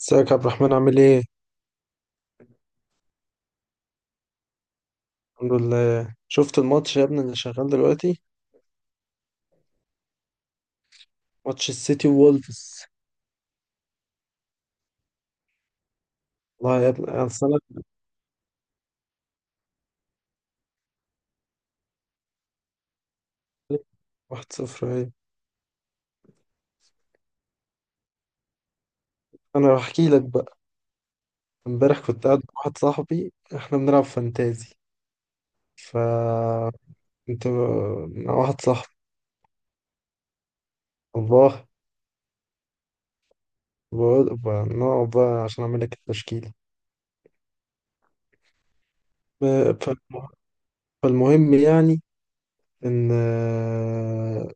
ازيك يا عبد الرحمن عامل ايه؟ الحمد لله، شفت الماتش يا ابني اللي شغال دلوقتي؟ ماتش السيتي وولفز. والله يا ابني، اصل انا... واحد صفر ايه؟ انا بحكي لك بقى. امبارح كنت قاعد مع واحد صاحبي، احنا بنلعب فانتازي. ف مع واحد صاحبي. والله، نقعد بقى عشان اعمل لك التشكيلة. ب- فالم- فالمهم يعني، ان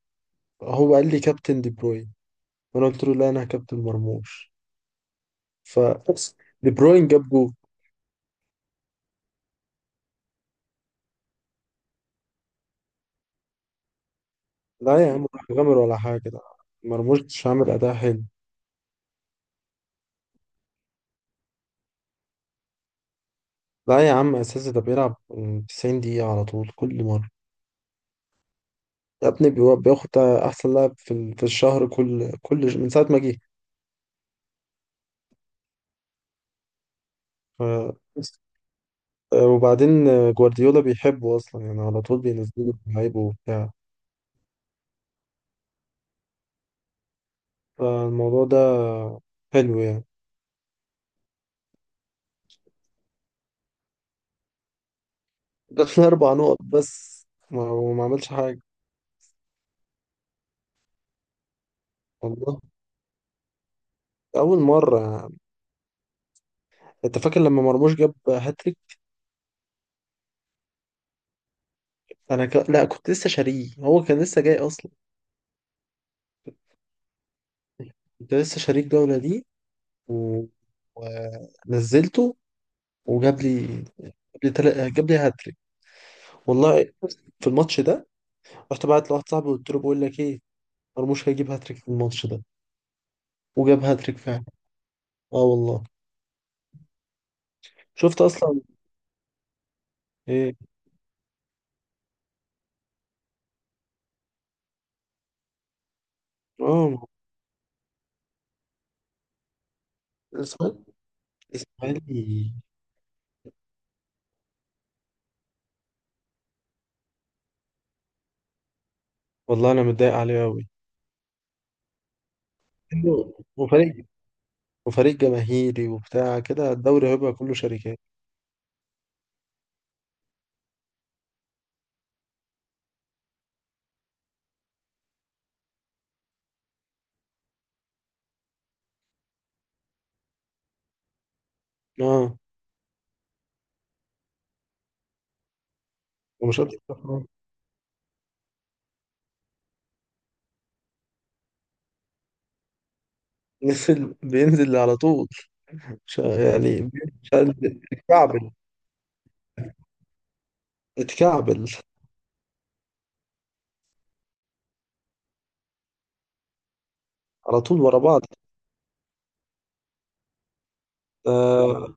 هو قال لي كابتن دي بروين، وانا قلت له لا، انا كابتن مرموش. فبس، دي بروين جاب جول. لا يا عم، راح غامر ولا حاجة ده، مرموش مش عامل أداء حلو. لا يا عم، أساسي، ده بيلعب 90 دقيقة على طول كل مرة. يا ابني، بياخد أحسن لاعب في الشهر، كل من ساعة ما جه. ف- بس. وبعدين جوارديولا بيحبه أصلا يعني، على طول بينزله لعيبه وبتاع. فالموضوع ده حلو يعني. جاب لنا أربع نقط بس، وما عملش حاجة. والله، أول مرة يعني. أنت فاكر لما مرموش جاب هاتريك؟ لا، كنت لسه شاريه، هو كان لسه جاي اصلا. كنت لسه شاريه الجوله دي، و... ونزلته، وجاب لي جاب جاب لي هاتريك، والله، في الماتش ده. رحت بعت لواحد صاحبي، قلت له بقول لك ايه، مرموش هيجيب هاتريك في الماتش ده، وجاب هاتريك فعلا. اه والله. شفت اصلا؟ ايه. اه. الاسماعيلي. الاسماعيلي، والله انا متضايق عليه قوي. وفريق، وفريق جماهيري وبتاع كده، الدوري هيبقى كله شركات. اه. ومش هتفرح؟ نزل، بينزل على طول. ش- يعني اتكعبل، اتكعبل على طول ورا بعض. آه،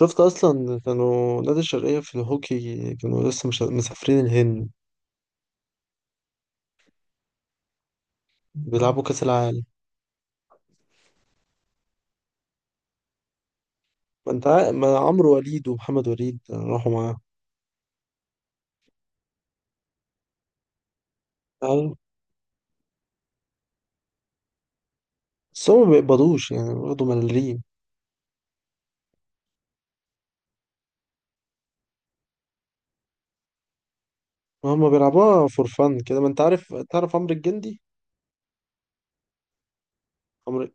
شفت اصلا؟ كانوا نادي الشرقية في الهوكي، كانوا لسه مش مسافرين الهند، بيلعبوا كأس العالم. ما انت عا- ما عمرو وليد ومحمد وليد راحوا معاه. أيوة. بس هم ما بيقبضوش يعني، برضه ملاليم. هم بيلعبوها فور فن كده، ما انت عارف، تعرف عمرو الجندي؟ عمرو،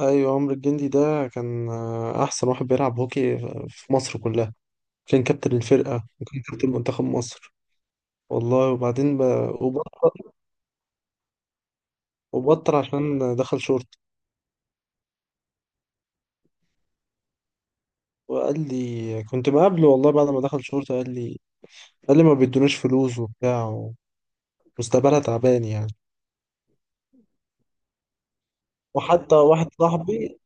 ايوه، عمرو الجندي ده كان احسن واحد بيلعب هوكي في مصر كلها. كان كابتن الفرقة وكان كابتن منتخب مصر، والله. وبطل، وبطل عشان دخل شورت. وقال لي، كنت مقابله والله، بعد ما دخل شورت قال لي ما بيدوناش فلوس وبتاع، ومستقبلها تعبان يعني. وحتى واحد صاحبي،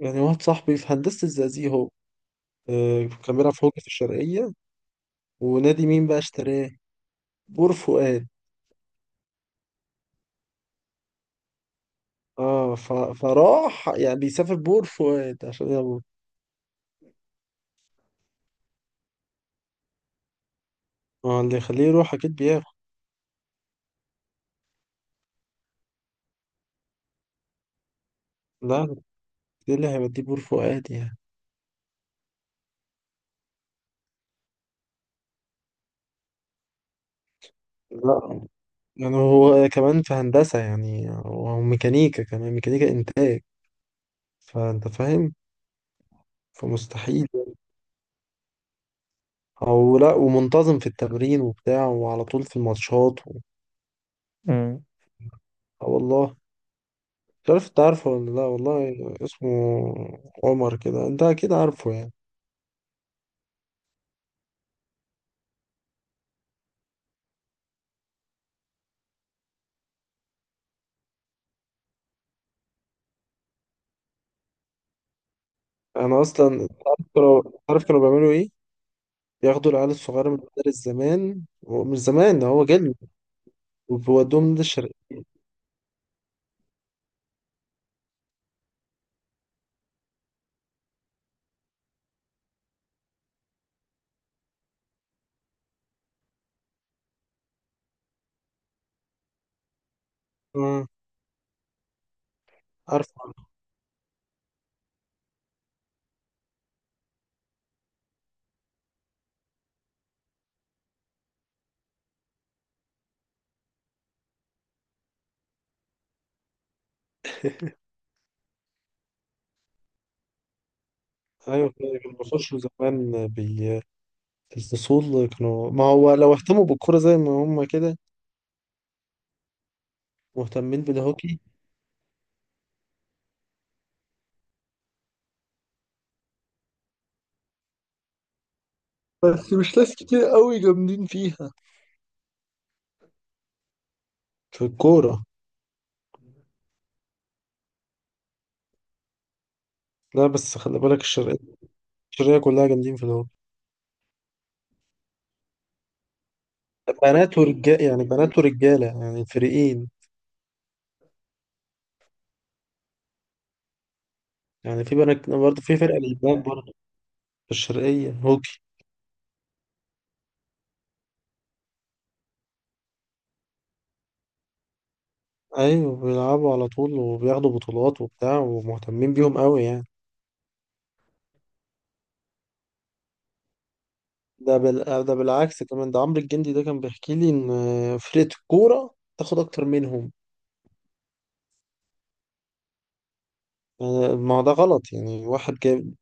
يعني واحد صاحبي في هندسة الزقازيق، هو كان بيلعب في هوكي في الشرقية. ونادي مين بقى اشتراه؟ بور فؤاد. اه، فراح يعني بيسافر بور فؤاد عشان يلا. اه، اللي يخليه يروح اكيد بياخد. لا، ده اللي هيوديه بور فؤاد يعني. لا، يعني هو كمان في هندسة، يعني هو ميكانيكا، كمان ميكانيكا إنتاج، فأنت فاهم. فمستحيل، أو لا، ومنتظم في التمرين وبتاع وعلى طول في الماتشات امم اه والله. مش عارف انت عارفه ولا لا، والله، اسمه عمر كده، انت اكيد عارفه يعني. انا اصلا انت عارف كانوا، عارف كانوا بيعملوا ايه؟ بياخدوا العيال الصغيره من المدارس زمان، هو مش زمان ده، هو جيل، وبيودوهم النادي الشرقية. اه، عارفه، عارفه. ايوه كده، كانوا بيخشوا زمان الفصول. كانوا، ما هو لو اهتموا بالكورة زي ما هم كده مهتمين بالهوكي. بس مش ناس كتير قوي جامدين فيها، في الكورة. لا، بس خلي بالك الشرقية، الشرقية كلها جامدين في الهوكي. بنات ورجال يعني، بنات ورجالة يعني الفريقين. يعني في بنات برضه، في فرقة للبنات برضه في الشرقية هوكي. أيوة، بيلعبوا على طول وبياخدوا بطولات وبتاع، ومهتمين بيهم قوي يعني. ده بالعكس كمان. ده عمرو الجندي ده كان بيحكي لي إن فرقة الكورة تاخد أكتر منهم. ما هو ده غلط يعني. واحد جايب،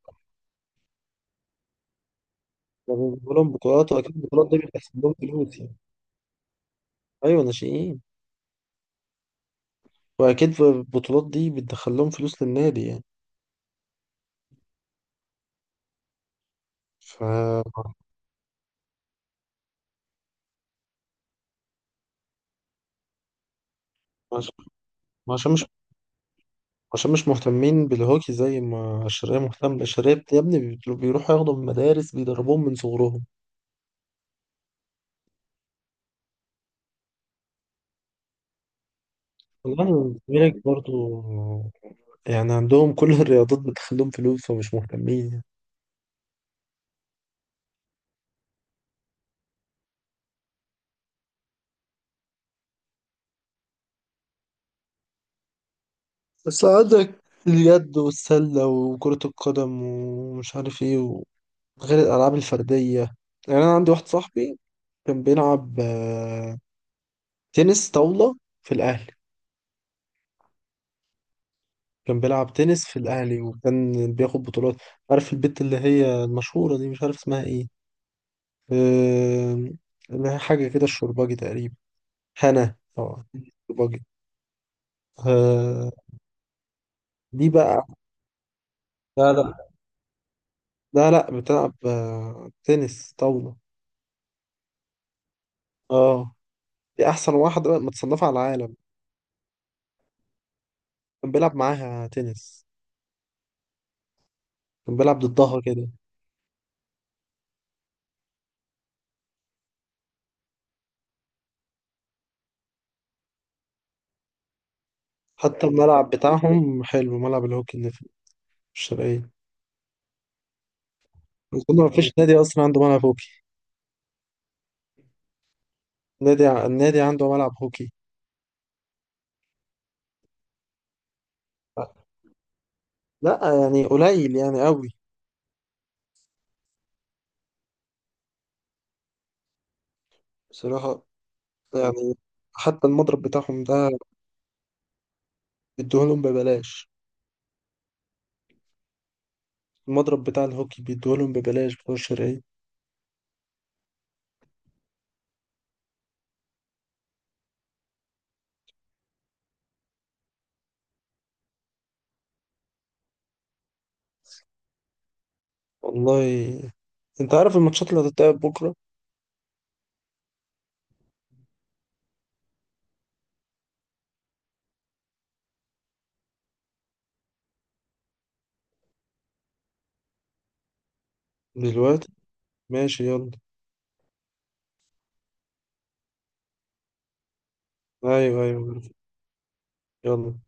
لما بيجيبوا لهم بطولات، واكيد البطولات دي بتدخل لهم فلوس يعني. ايوه، ناشئين. واكيد البطولات دي بتدخل لهم فلوس للنادي يعني. ف عش- عشان مش عشان مش مهتمين بالهوكي زي ما الشرقية مهتمة. الشرقية يا ابني بيروحوا ياخدوا من مدارس، بيدربوهم من صغرهم. والله الزمالك برضو، يعني عندهم كل الرياضات بتدخل لهم فلوس، فمش مهتمين يعني. بس عندك اليد والسلة وكرة القدم ومش عارف ايه، غير الألعاب الفردية. يعني أنا عندي واحد صاحبي كان بيلعب تنس طاولة في الأهلي. كان بيلعب تنس في الأهلي، وكان بياخد بطولات. عارف البت اللي هي المشهورة دي؟ مش عارف اسمها ايه، آم، اللي هي حاجة كده الشرباجي تقريبا. هنا طبعا، الشرباجي. آه، دي بقى، لا لا، لا لا بتلعب تنس طاولة. اه، دي أحسن واحدة متصنفة على العالم. كان بيلعب معاها تنس، كان بيلعب ضدها كده. حتى الملعب بتاعهم حلو، ملعب الهوكي اللي في الشرقية. أظن ما فيش نادي أصلا عنده ملعب هوكي، النادي عنده ملعب هوكي. لا، يعني قليل يعني، قوي بصراحة. يعني حتى المضرب بتاعهم ده بيدوهولهم ببلاش، المضرب بتاع الهوكي بيدوهولهم ببلاش بتوع الشرقية. والله. أنت عارف الماتشات اللي هتتلعب بكرة؟ دلوقتي، ماشي يلا. أيوه أيوه، يلا.